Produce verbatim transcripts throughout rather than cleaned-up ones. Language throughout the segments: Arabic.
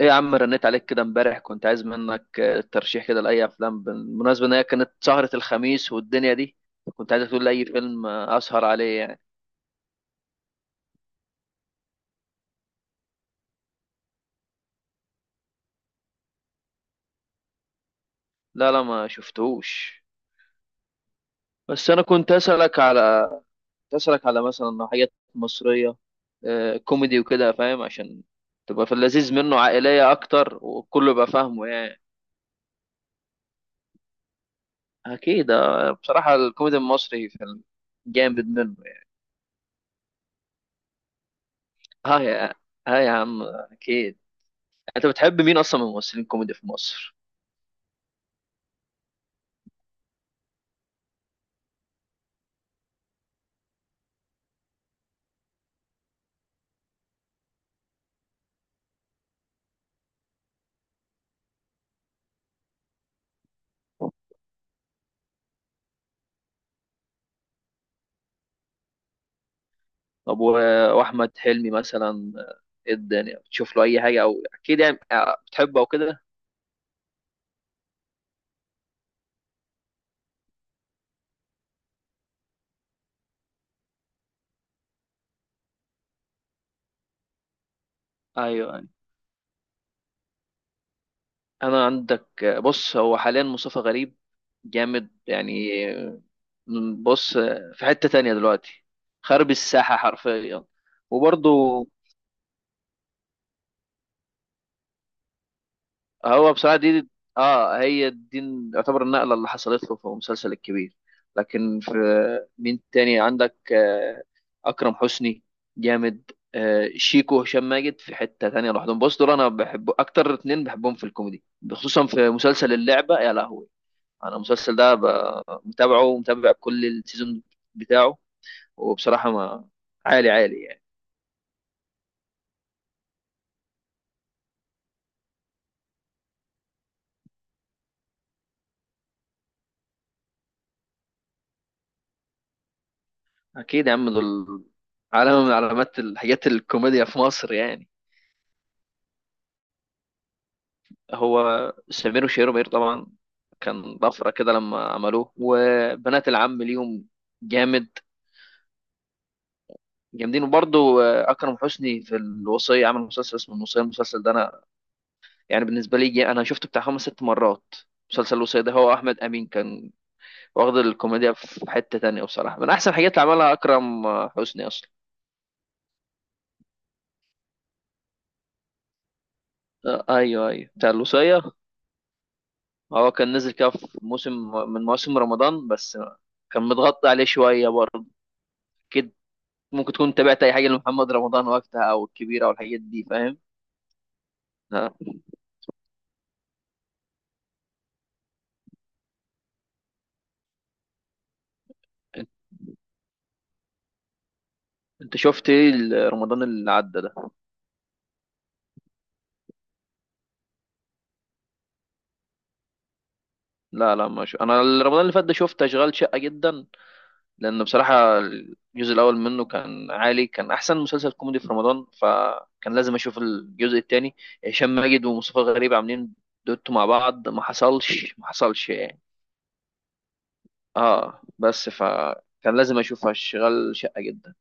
ايه يا عم، رنيت عليك كده امبارح. كنت عايز منك آه، ترشيح كده لاي افلام، بالمناسبه ان هي كانت سهره الخميس والدنيا دي. كنت عايز تقول لي اي فيلم آه، اسهر عليه يعني. لا لا، ما شفتهوش. بس انا كنت اسالك على كنت اسالك على مثلا حاجات مصريه آه، كوميدي وكده، فاهم؟ عشان تبقى في اللذيذ منه، عائليه اكتر، وكله يبقى فاهمه يعني. اكيد آه، بصراحه الكوميدي المصري في جامد منه يعني. ها يا ها يا عم اكيد. انت بتحب مين اصلا من الممثلين الكوميدي في مصر؟ طب و- واحمد حلمي مثلا، ايه الدنيا بتشوف له اي حاجه، او اكيد يعني آه، بتحبه او كده. ايوه ايوه، انا عندك. بص، هو حاليا مصطفى غريب جامد يعني. بص، في حتة تانية دلوقتي خارب الساحة حرفيا. وبرضه هو بصراحة دي، اه هي دي، يعتبر النقلة اللي حصلت له في المسلسل الكبير. لكن في مين تاني عندك؟ آه أكرم حسني جامد آه شيكو وهشام ماجد في حتة تانية لوحدهم. بص، دول أنا بحب أكتر اتنين بحبهم في الكوميدي، خصوصا في مسلسل اللعبة يا لهوي. أنا المسلسل ده ب- متابعه ومتابع كل السيزون بتاعه. وبصراحة ما عالي عالي يعني. أكيد يا عم، دول علامة من علامات الحاجات الكوميديا في مصر يعني. هو سمير وشهير وبهير طبعا كان طفرة كده لما عملوه، وبنات العم ليهم جامد، جامدين. وبرضه أكرم حسني في الوصية، عمل مسلسل اسمه الوصية. المسلسل ده أنا يعني بالنسبة لي، جه- أنا شفته بتاع خمس ست مرات. مسلسل الوصية ده هو أحمد أمين كان واخد الكوميديا في حتة تانية. بصراحة من أحسن الحاجات اللي عملها أكرم آه، حسني أصلا. آه، أيوه أيوه، بتاع الوصية. هو كان نزل كده في موسم من مواسم رمضان بس. كان متغطى عليه شوية برضه أكيد. ممكن تكون تابعت اي حاجه لمحمد رمضان وقتها، او الكبيره او الحاجات دي، فاهم. لا، انت شفت ايه ال- رمضان اللي عدى ده؟ لا لا، ما شو. انا رمضان اللي فات ده شفت اشغال شقه جدا. لان بصراحه الجزء الاول منه كان عالي، كان احسن مسلسل كوميدي في رمضان، فكان لازم اشوف الجزء الثاني. هشام ماجد ومصطفى غريب عاملين دوتو مع بعض، ما حصلش ما حصلش يعني. اه، بس فكان لازم اشوف اشغال شقه جدا.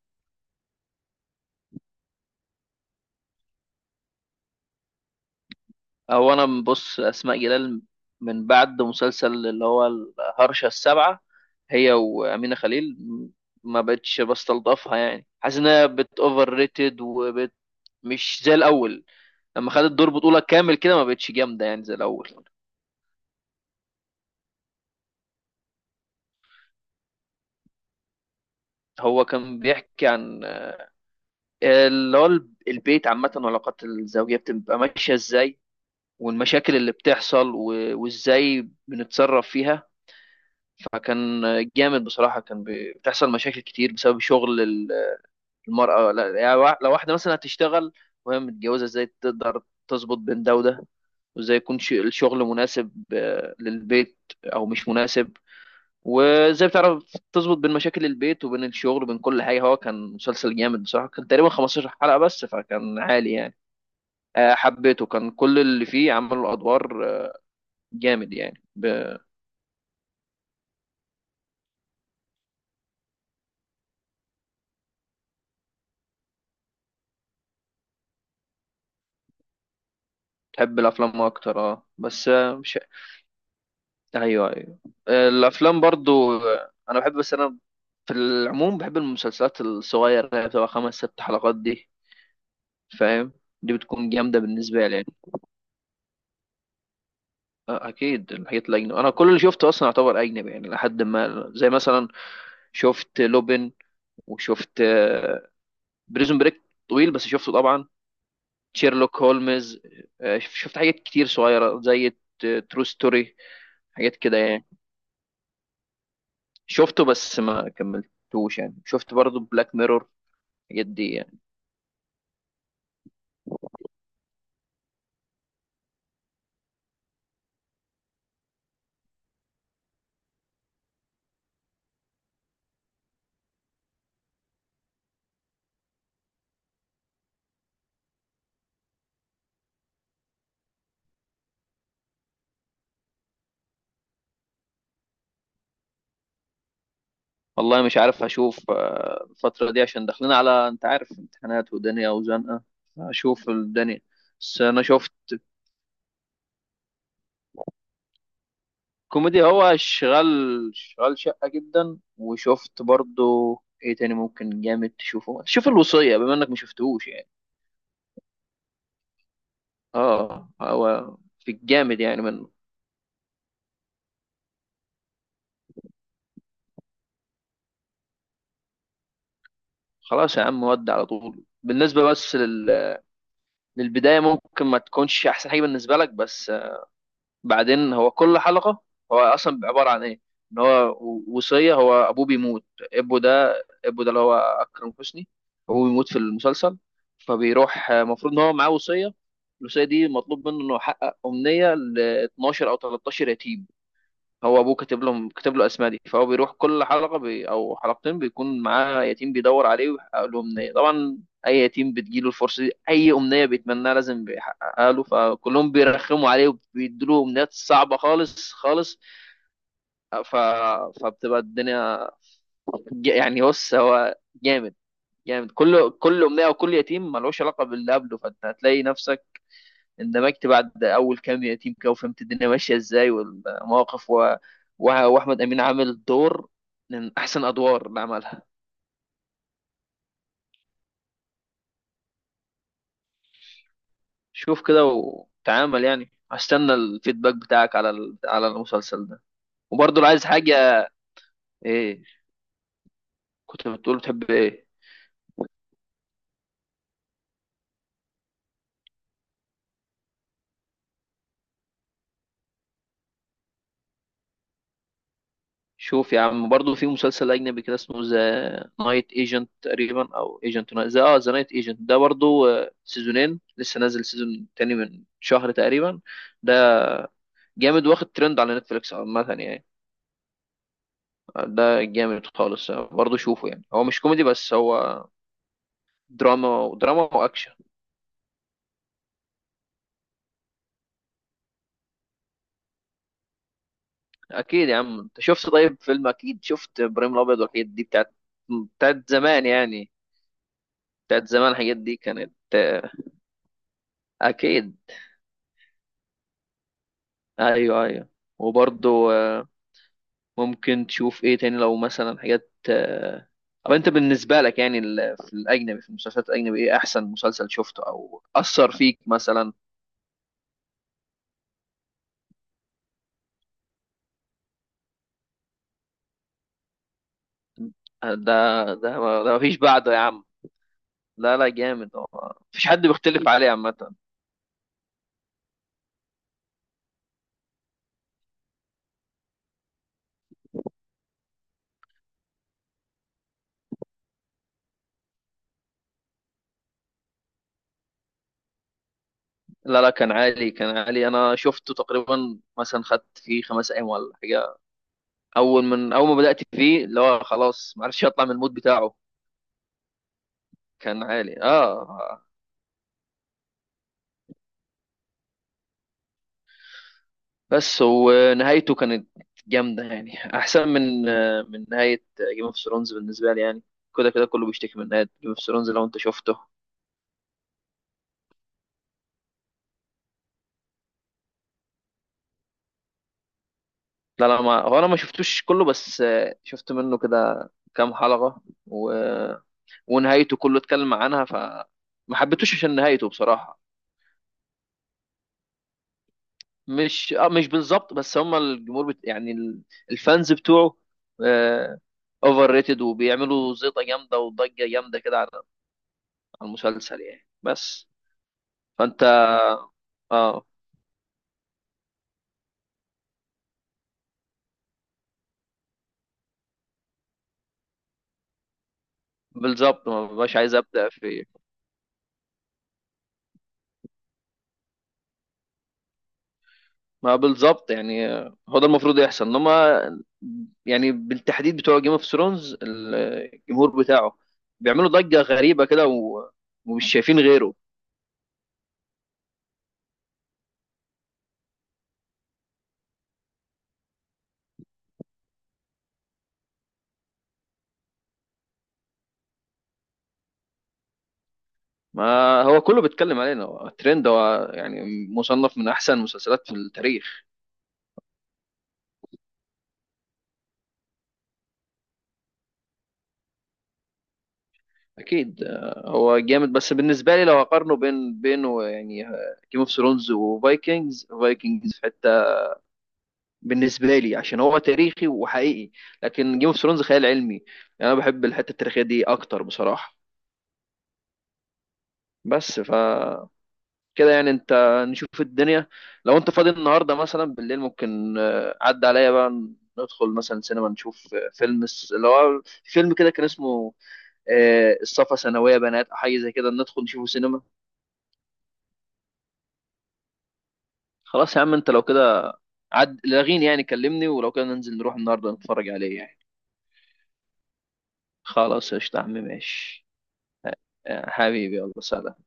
هو انا بص اسماء جلال، من بعد مسلسل اللي هو الهرشة السبعة، هي وأمينة خليل م- ما بقتش بستلطفها يعني. حاسس انها بت اوفر ريتد وبت، مش زي الاول. لما خدت دور بطولة كامل كده، ما بقتش جامدة يعني زي الاول. هو كان بيحكي عن آه، اللي هو الب- البيت عامة، والعلاقات الزوجية بتبقى ماشية ازاي، والمشاكل اللي بتحصل و- وازاي بنتصرف فيها. فكان جامد بصراحة. كان بي- بتحصل مشاكل كتير بسبب شغل ال- المرأة. لا يعني وا- لو واحدة مثلا هتشتغل وهي متجوزة، ازاي تقدر تظبط بين ده وده، وازاي يكون ش- الشغل مناسب آه، للبيت او مش مناسب، وازاي بتعرف تظبط بين مشاكل البيت وبين الشغل وبين كل حاجة؟ هو كان مسلسل جامد بصراحة. كان تقريبا خمسة عشر حلقة بس، فكان عالي يعني. آه، حبيته، كان كل اللي فيه عملوا الأدوار آه، جامد يعني. بتحب الأفلام أكتر؟ اه بس آه، مش ايوه ايوه، الافلام برضو انا بحب. بس انا في العموم بحب المسلسلات الصغيره، اللي هي بتبقى خمس ست حلقات دي، فاهم. دي بتكون جامده بالنسبه لي يعني. أه، اكيد، الحاجات الاجنبي انا كل اللي شفته اصلا يعتبر اجنبي يعني. لحد ما زي مثلا شفت لوبين، وشفت آه، بريزون بريك، طويل بس شفته طبعا. شيرلوك هولمز، آه، شفت حاجات كتير صغيره زي ترو ستوري، حاجات كده يعني. شفته بس ما كملتوش يعني. شفت برضو بلاك ميرور، الحاجات دي يعني. والله مش عارف هشوف آه، الفترة دي، عشان داخلين على، انت عارف، امتحانات ودنيا وزنقة. هشوف الدنيا. بس انا شفت كوميدي، هو شغال، شغال شقة جدا، وشفت برضو، ايه تاني ممكن جامد تشوفه؟ شوف الوصية بما انك ما شفتهوش يعني. اه، هو في الجامد يعني منه. خلاص يا عم، ودي على طول بالنسبة بس لل... للبداية ممكن ما تكونش احسن حاجة بالنسبة لك، بس بعدين هو كل حلقة، هو أصلا عبارة عن إيه؟ إن هو وصية، هو أبوه بيموت، أبوه ده، أبوه ده اللي هو أكرم حسني، أبوه بيموت في المسلسل. فبيروح المفروض إن هو معاه وصية. الوصية دي مطلوب منه إنه يحقق أمنية ل اتناشر أو تلتاشر يتيم. هو ابوه كاتب لهم، كاتب له اسماء دي. فهو بيروح كل حلقه بي او حلقتين، بيكون معاه يتيم بيدور عليه ويحقق له امنيه طبعا. اي يتيم بتجيله الفرصه دي، اي امنيه بيتمناها لازم بيحققها له. فكلهم بيرخموا عليه وبيدوا امنيات صعبه، خالص خالص. ف... فبتبقى الدنيا ج- يعني بص، هو جامد، جامد. كل كل امنيه وكل يتيم ملوش علاقه باللي قبله. فانت هتلاقي نفسك اندمجت بعد اول كام يتيم كده، وفهمت الدنيا ماشيه ازاي، والمواقف و... و... واحمد امين عامل دور من احسن ادوار اللي عملها. شوف كده وتعامل يعني، هستنى الفيدباك بتاعك على ال... على المسلسل ده. وبرضه لو عايز حاجه، ايه، كنت بتقول بتحب ايه؟ شوف يا عم برضه في مسلسل اجنبي كده اسمه ذا نايت ايجنت تقريبا، او ايجنت ذا، اه ذا نايت ايجنت ده برضه آه، سيزونين، لسه نازل سيزون تاني من شهر تقريبا. ده جامد، واخد ترند على نتفليكس عامة يعني. ده جامد خالص برضه، شوفه يعني. هو مش كوميدي بس، هو دراما، ودراما واكشن. اكيد يا عم، انت شفت طيب فيلم، اكيد شفت ابراهيم الابيض والحاجات دي بتاعت، بتاعت زمان يعني، بتاعت زمان. الحاجات دي كانت آه، اكيد. ايوه ايوه، وبرضه آه، ممكن تشوف ايه تاني، لو مثلا حاجات آه، طب انت بالنسبة لك يعني ال- في الاجنبي، في المسلسلات الاجنبي، ايه احسن مسلسل شفته او اثر فيك مثلا؟ ده ده ده مفيش بعده يا عم. لا لا جامد، هو مفيش حد بيختلف عليه عامة. لا لا كان عالي، كان عالي. أنا شفته تقريبا مثلا، خدت فيه خمس أيام ولا حاجة. أول من أول ما بدأت فيه، اللي هو خلاص معرفش أطلع من المود بتاعه. كان عالي آه. بس ونهايته كانت جامدة يعني أحسن من من نهاية جيم اوف ثرونز بالنسبة لي يعني. كده كده كله بيشتكي من نهاية جيم اوف ثرونز، لو أنت شفته. لا لا، ما هو انا ما شفتوش كله، بس آه، شفت منه كده كام حلقة و... ونهايته كله اتكلم عنها. فما حبيتوش عشان نهايته بصراحة. مش، اه مش بالظبط، بس هم الجمهور بت... يعني ال- الفانز بتوعه اوفر ريتد، وبيعملوا زيطة جامدة وضجة جامدة كده على على المسلسل يعني. بس فانت اه بالظبط، ما بقاش عايز ابدا في. ما بالظبط يعني، هو ده المفروض يحصل، انما يعني بالتحديد بتوع جيم اوف ثرونز، الجمهور بتاعه بيعملوا ضجة غريبة كده و- ومش شايفين غيره. ما هو كله بيتكلم علينا، هو الترند هو يعني، مصنف من احسن المسلسلات في التاريخ. اكيد آه، هو جامد. بس بالنسبة لي لو اقارنه بين بينه يعني، جيم اوف ثرونز وفايكنجز، فايكنجز في حتة بالنسبه لي عشان هو تاريخي وحقيقي، لكن جيم اوف ثرونز خيال علمي يعني. انا بحب الحته التاريخيه دي اكتر بصراحه. بس ف كده يعني انت، نشوف الدنيا. لو انت فاضي النهارده مثلا بالليل، ممكن آه، عدى عليا بقى، ندخل مثلا سينما نشوف آه، فيلم الس- اللي هو فيلم كده كان اسمه آه، الصفا ثانويه بنات، او حاجه زي كده، ندخل نشوفه سينما. خلاص يا عم، انت لو كده عد لاغيني يعني، كلمني. ولو كده ننزل نروح النهارده نتفرج عليه يعني. خلاص قشطة يا عم، ماشي. آه، حبيبي، يلا سلام.